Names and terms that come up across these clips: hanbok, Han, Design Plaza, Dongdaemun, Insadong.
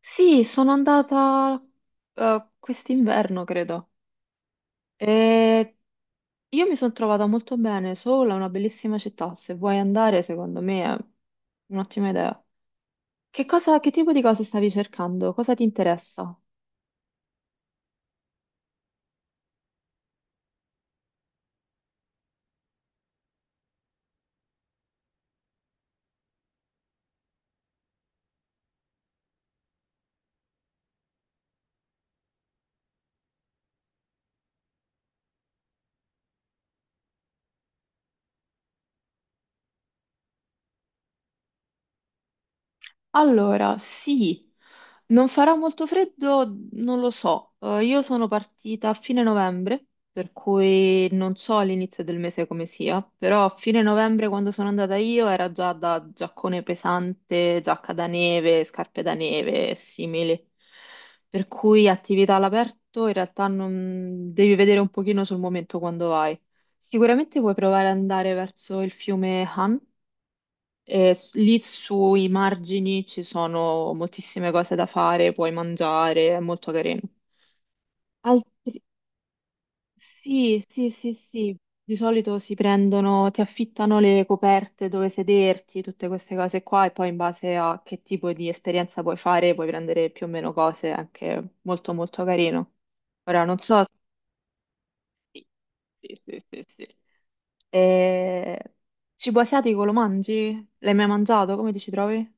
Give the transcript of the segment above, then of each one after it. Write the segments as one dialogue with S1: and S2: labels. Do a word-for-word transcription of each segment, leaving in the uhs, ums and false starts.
S1: Sì, sono andata eh, quest'inverno, credo. E io mi sono trovata molto bene, sola, una bellissima città. Se vuoi andare, secondo me è un'ottima idea. Che cosa, che tipo di cose stavi cercando? Cosa ti interessa? Allora, sì, non farà molto freddo, non lo so. Eh, io sono partita a fine novembre, per cui non so all'inizio del mese come sia, però a fine novembre quando sono andata io era già da giaccone pesante, giacca da neve, scarpe da neve e simili. Per cui attività all'aperto in realtà non devi vedere un pochino sul momento quando vai. Sicuramente puoi provare ad andare verso il fiume Han e s- lì sui margini ci sono moltissime cose da fare, puoi mangiare, è molto carino. Altri. Sì, sì, sì, sì. Di solito si prendono, ti affittano le coperte dove sederti, tutte queste cose qua, e poi in base a che tipo di esperienza puoi fare, puoi prendere più o meno cose, anche molto molto carino. Ora non so. Sì, sì, sì, sì. Sì. E. Cibo asiatico lo mangi? L'hai mai mangiato? Come ti ci trovi?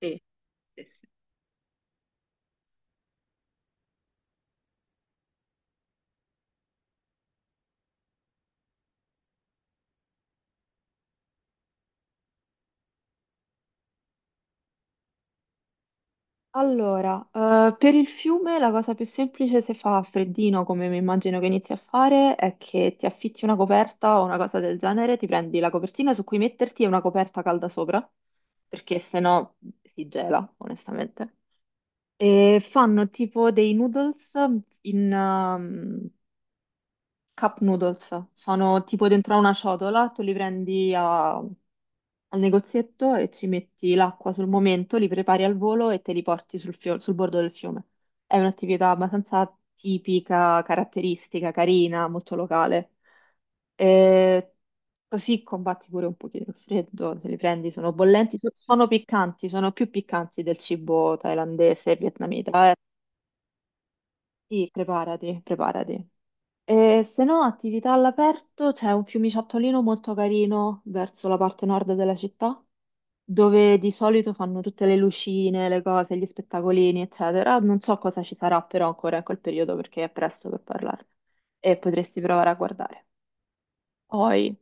S1: Sì, sì, sì. Allora, eh, per il fiume la cosa più semplice se fa freddino, come mi immagino che inizi a fare, è che ti affitti una coperta o una cosa del genere, ti prendi la copertina su cui metterti e una coperta calda sopra, perché se no si gela, onestamente. E fanno tipo dei noodles in um, cup noodles, sono tipo dentro a una ciotola, tu li prendi a al negozietto e ci metti l'acqua sul momento, li prepari al volo e te li porti sul, fio- sul bordo del fiume. È un'attività abbastanza tipica, caratteristica, carina, molto locale. E così combatti pure un pochino il freddo, se li prendi sono bollenti, so- sono piccanti, sono più piccanti del cibo thailandese e vietnamita. eh. Sì, preparati, preparati. E se no, attività all'aperto, c'è un fiumiciattolino molto carino verso la parte nord della città dove di solito fanno tutte le lucine, le cose, gli spettacolini, eccetera. Non so cosa ci sarà però ancora in quel periodo perché è presto per parlarne e potresti provare a guardare. Poi,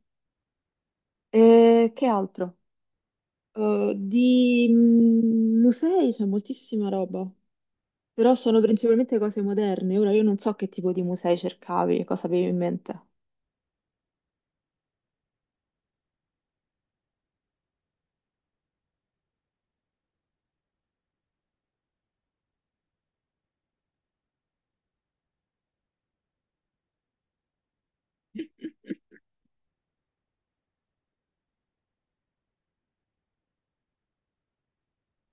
S1: eh, che altro? Eh, di mm, musei c'è moltissima roba, però sono principalmente cose moderne. Ora io non so che tipo di musei cercavi, cosa avevi in mente.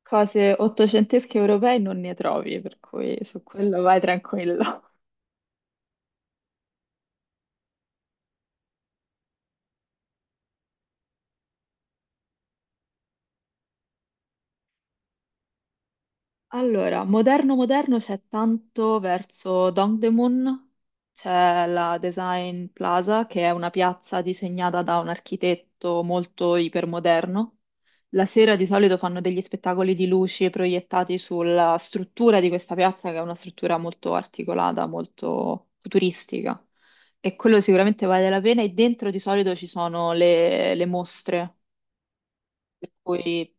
S1: Cose ottocentesche europee non ne trovi, per cui su quello vai tranquillo. Allora, moderno moderno c'è tanto verso Dongdaemun, c'è la Design Plaza che è una piazza disegnata da un architetto molto ipermoderno. La sera di solito fanno degli spettacoli di luci proiettati sulla struttura di questa piazza che è una struttura molto articolata, molto futuristica e quello sicuramente vale la pena e dentro di solito ci sono le, le mostre, per cui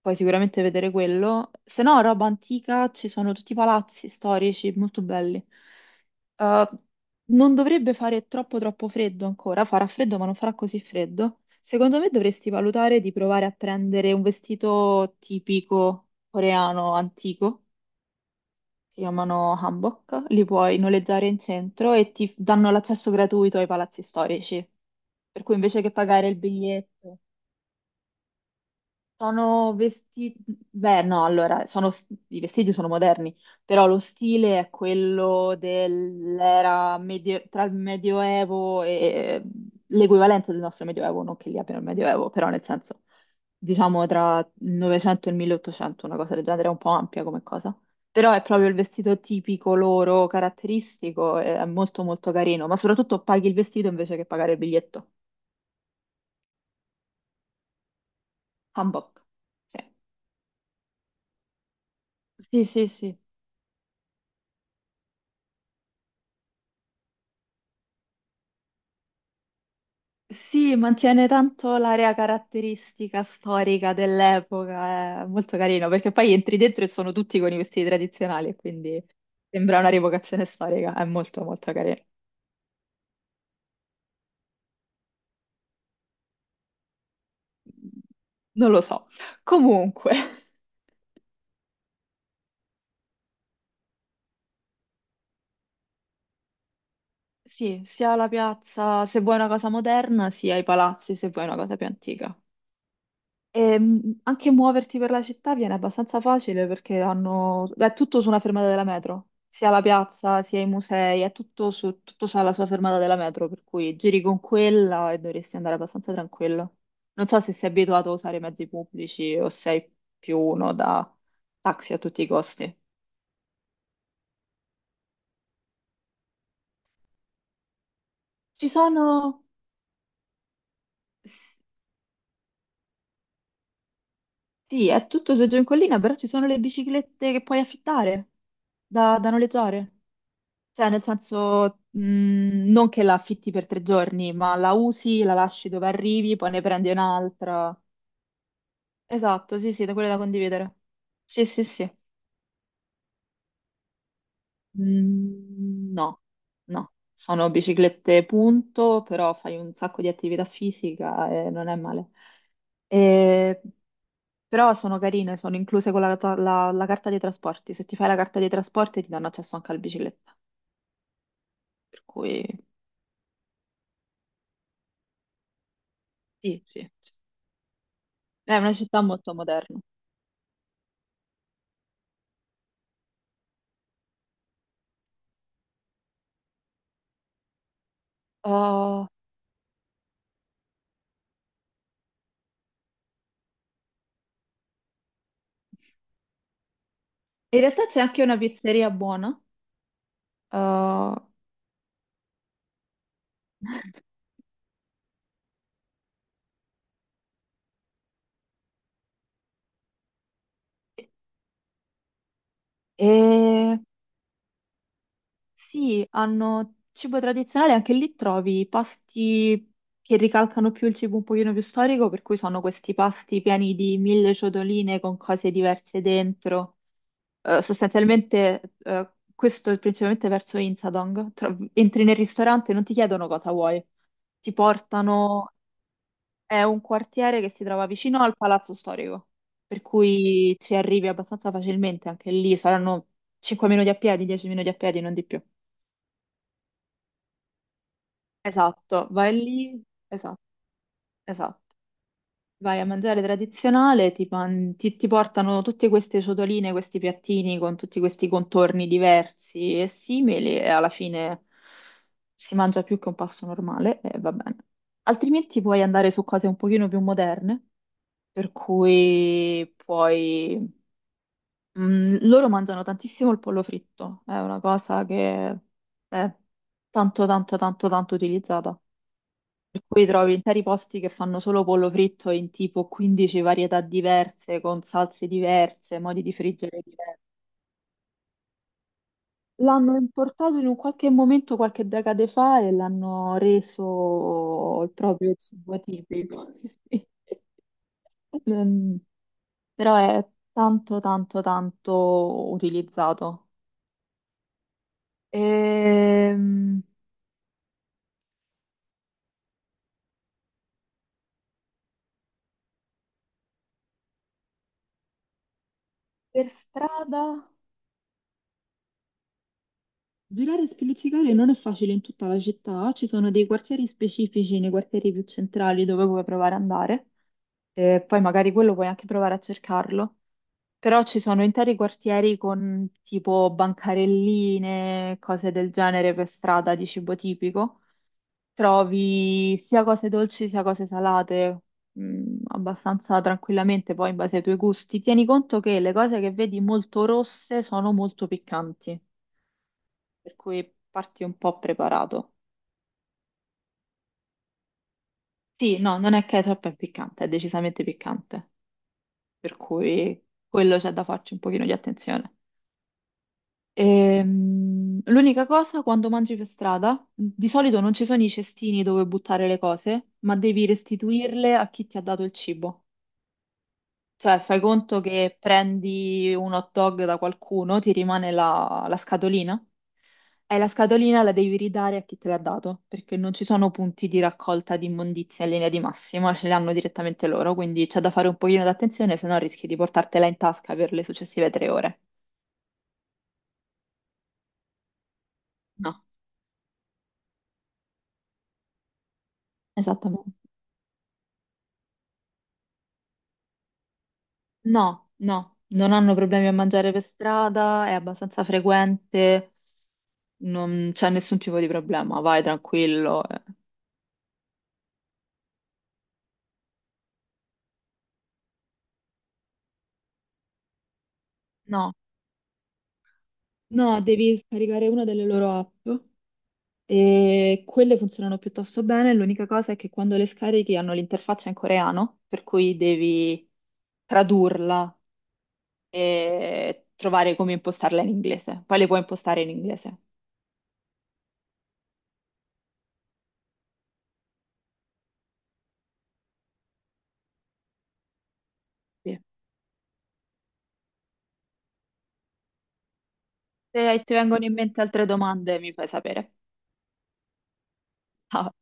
S1: puoi sicuramente vedere quello. Se no, roba antica, ci sono tutti i palazzi storici molto belli. Eh, non dovrebbe fare troppo troppo freddo ancora, farà freddo ma non farà così freddo. Secondo me dovresti valutare di provare a prendere un vestito tipico coreano antico, si chiamano hanbok, li puoi noleggiare in centro e ti danno l'accesso gratuito ai palazzi storici, per cui invece che pagare il biglietto. Sono vestiti, beh no, allora, sono s- i vestiti sono moderni, però lo stile è quello dell'era medio- tra il Medioevo e l'equivalente del nostro Medioevo, non che lì abbiano il Medioevo, però nel senso, diciamo tra il Novecento e il milleottocento, una cosa del genere, è un po' ampia come cosa, però è proprio il vestito tipico loro, caratteristico, e è molto molto carino, ma soprattutto paghi il vestito invece che pagare il biglietto. Hanbok. Sì, sì, sì. Sì. Sì, mantiene tanto l'area caratteristica storica dell'epoca, è molto carino, perché poi entri dentro e sono tutti con i vestiti tradizionali, quindi sembra una rievocazione storica, è molto molto carino. Non lo so. Comunque, sì, sia la piazza se vuoi una cosa moderna, sia i palazzi se vuoi una cosa più antica. E, mh, anche muoverti per la città viene abbastanza facile perché hanno. È tutto su una fermata della metro, sia la piazza, sia i musei, è tutto su. Tutto c'ha la sua fermata della metro, per cui giri con quella e dovresti andare abbastanza tranquillo. Non so se sei abituato a usare i mezzi pubblici o sei più uno da taxi a tutti i costi. Ci sono. Sì, è tutto su giù in collina, però ci sono le biciclette che puoi affittare, da da noleggiare. Cioè, nel senso, mh, non che la affitti per tre giorni, ma la usi, la lasci dove arrivi, poi ne prendi un'altra. Esatto, sì, sì, da quelle da condividere. Sì, sì, sì. Mm, no, no. Sono biciclette punto, però fai un sacco di attività fisica e non è male. E. Però sono carine, sono incluse con la, ta- la- la carta dei trasporti. Se ti fai la carta dei trasporti ti danno accesso anche alla bicicletta. Per cui sì, sì. Sì. È una città molto moderna. Ah, in realtà c'è anche una pizzeria buona. eh, e sì, hanno cibo tradizionale, anche lì trovi pasti che ricalcano più il cibo un pochino più storico, per cui sono questi pasti pieni di mille ciotoline con cose diverse dentro. Eh, sostanzialmente, eh, questo è principalmente verso Insadong. Tro- entri nel ristorante e non ti chiedono cosa vuoi, ti portano. È un quartiere che si trova vicino al Palazzo Storico, per cui ci arrivi abbastanza facilmente anche lì, saranno cinque minuti a piedi, dieci minuti a piedi, non di più. Esatto, vai lì, esatto, esatto. Vai a mangiare tradizionale, ti, man- ti- ti portano tutte queste ciotoline, questi piattini con tutti questi contorni diversi e simili e alla fine si mangia più che un pasto normale e va bene. Altrimenti puoi andare su cose un pochino più moderne, per cui puoi. Mm, loro mangiano tantissimo il pollo fritto, è una cosa che è tanto, tanto, tanto, tanto utilizzata. Per cui trovi interi posti che fanno solo pollo fritto in tipo quindici varietà diverse, con salse diverse, modi di friggere diversi. L'hanno importato in un qualche momento, qualche decade fa, e l'hanno reso il proprio cibo tipico. Sì. Mm, Però è tanto, tanto, tanto utilizzato. Ehm, Per strada? Girare e spiluzzicare non è facile in tutta la città, ci sono dei quartieri specifici nei quartieri più centrali dove puoi provare ad andare, e poi magari quello puoi anche provare a cercarlo, però ci sono interi quartieri con tipo bancarelline, cose del genere per strada di cibo tipico, trovi sia cose dolci sia cose salate, mh, abbastanza tranquillamente poi in base ai tuoi gusti. Tieni conto che le cose che vedi molto rosse sono molto piccanti. Per cui parti un po' preparato. Sì, no, non è ketchup, è piccante, è decisamente piccante, per cui quello c'è da farci un pochino di attenzione. Ehm, l'unica cosa, quando mangi per strada, di solito non ci sono i cestini dove buttare le cose, ma devi restituirle a chi ti ha dato il cibo. Cioè, fai conto che prendi un hot dog da qualcuno, ti rimane la la scatolina. E la scatolina la devi ridare a chi te l'ha dato, perché non ci sono punti di raccolta di immondizia in linea di massima, ce li hanno direttamente loro, quindi c'è da fare un pochino d'attenzione, se no rischi di portartela in tasca per le successive tre ore. No. Esattamente. No, no, non hanno problemi a mangiare per strada, è abbastanza frequente, non c'è nessun tipo di problema, vai tranquillo. eh. No, no, devi scaricare una delle loro app. E quelle funzionano piuttosto bene, l'unica cosa è che quando le scarichi hanno l'interfaccia in coreano, per cui devi tradurla e trovare come impostarla in inglese. Poi le puoi impostare in inglese. Sì. Se ti vengono in mente altre domande, mi fai sapere. Ciao.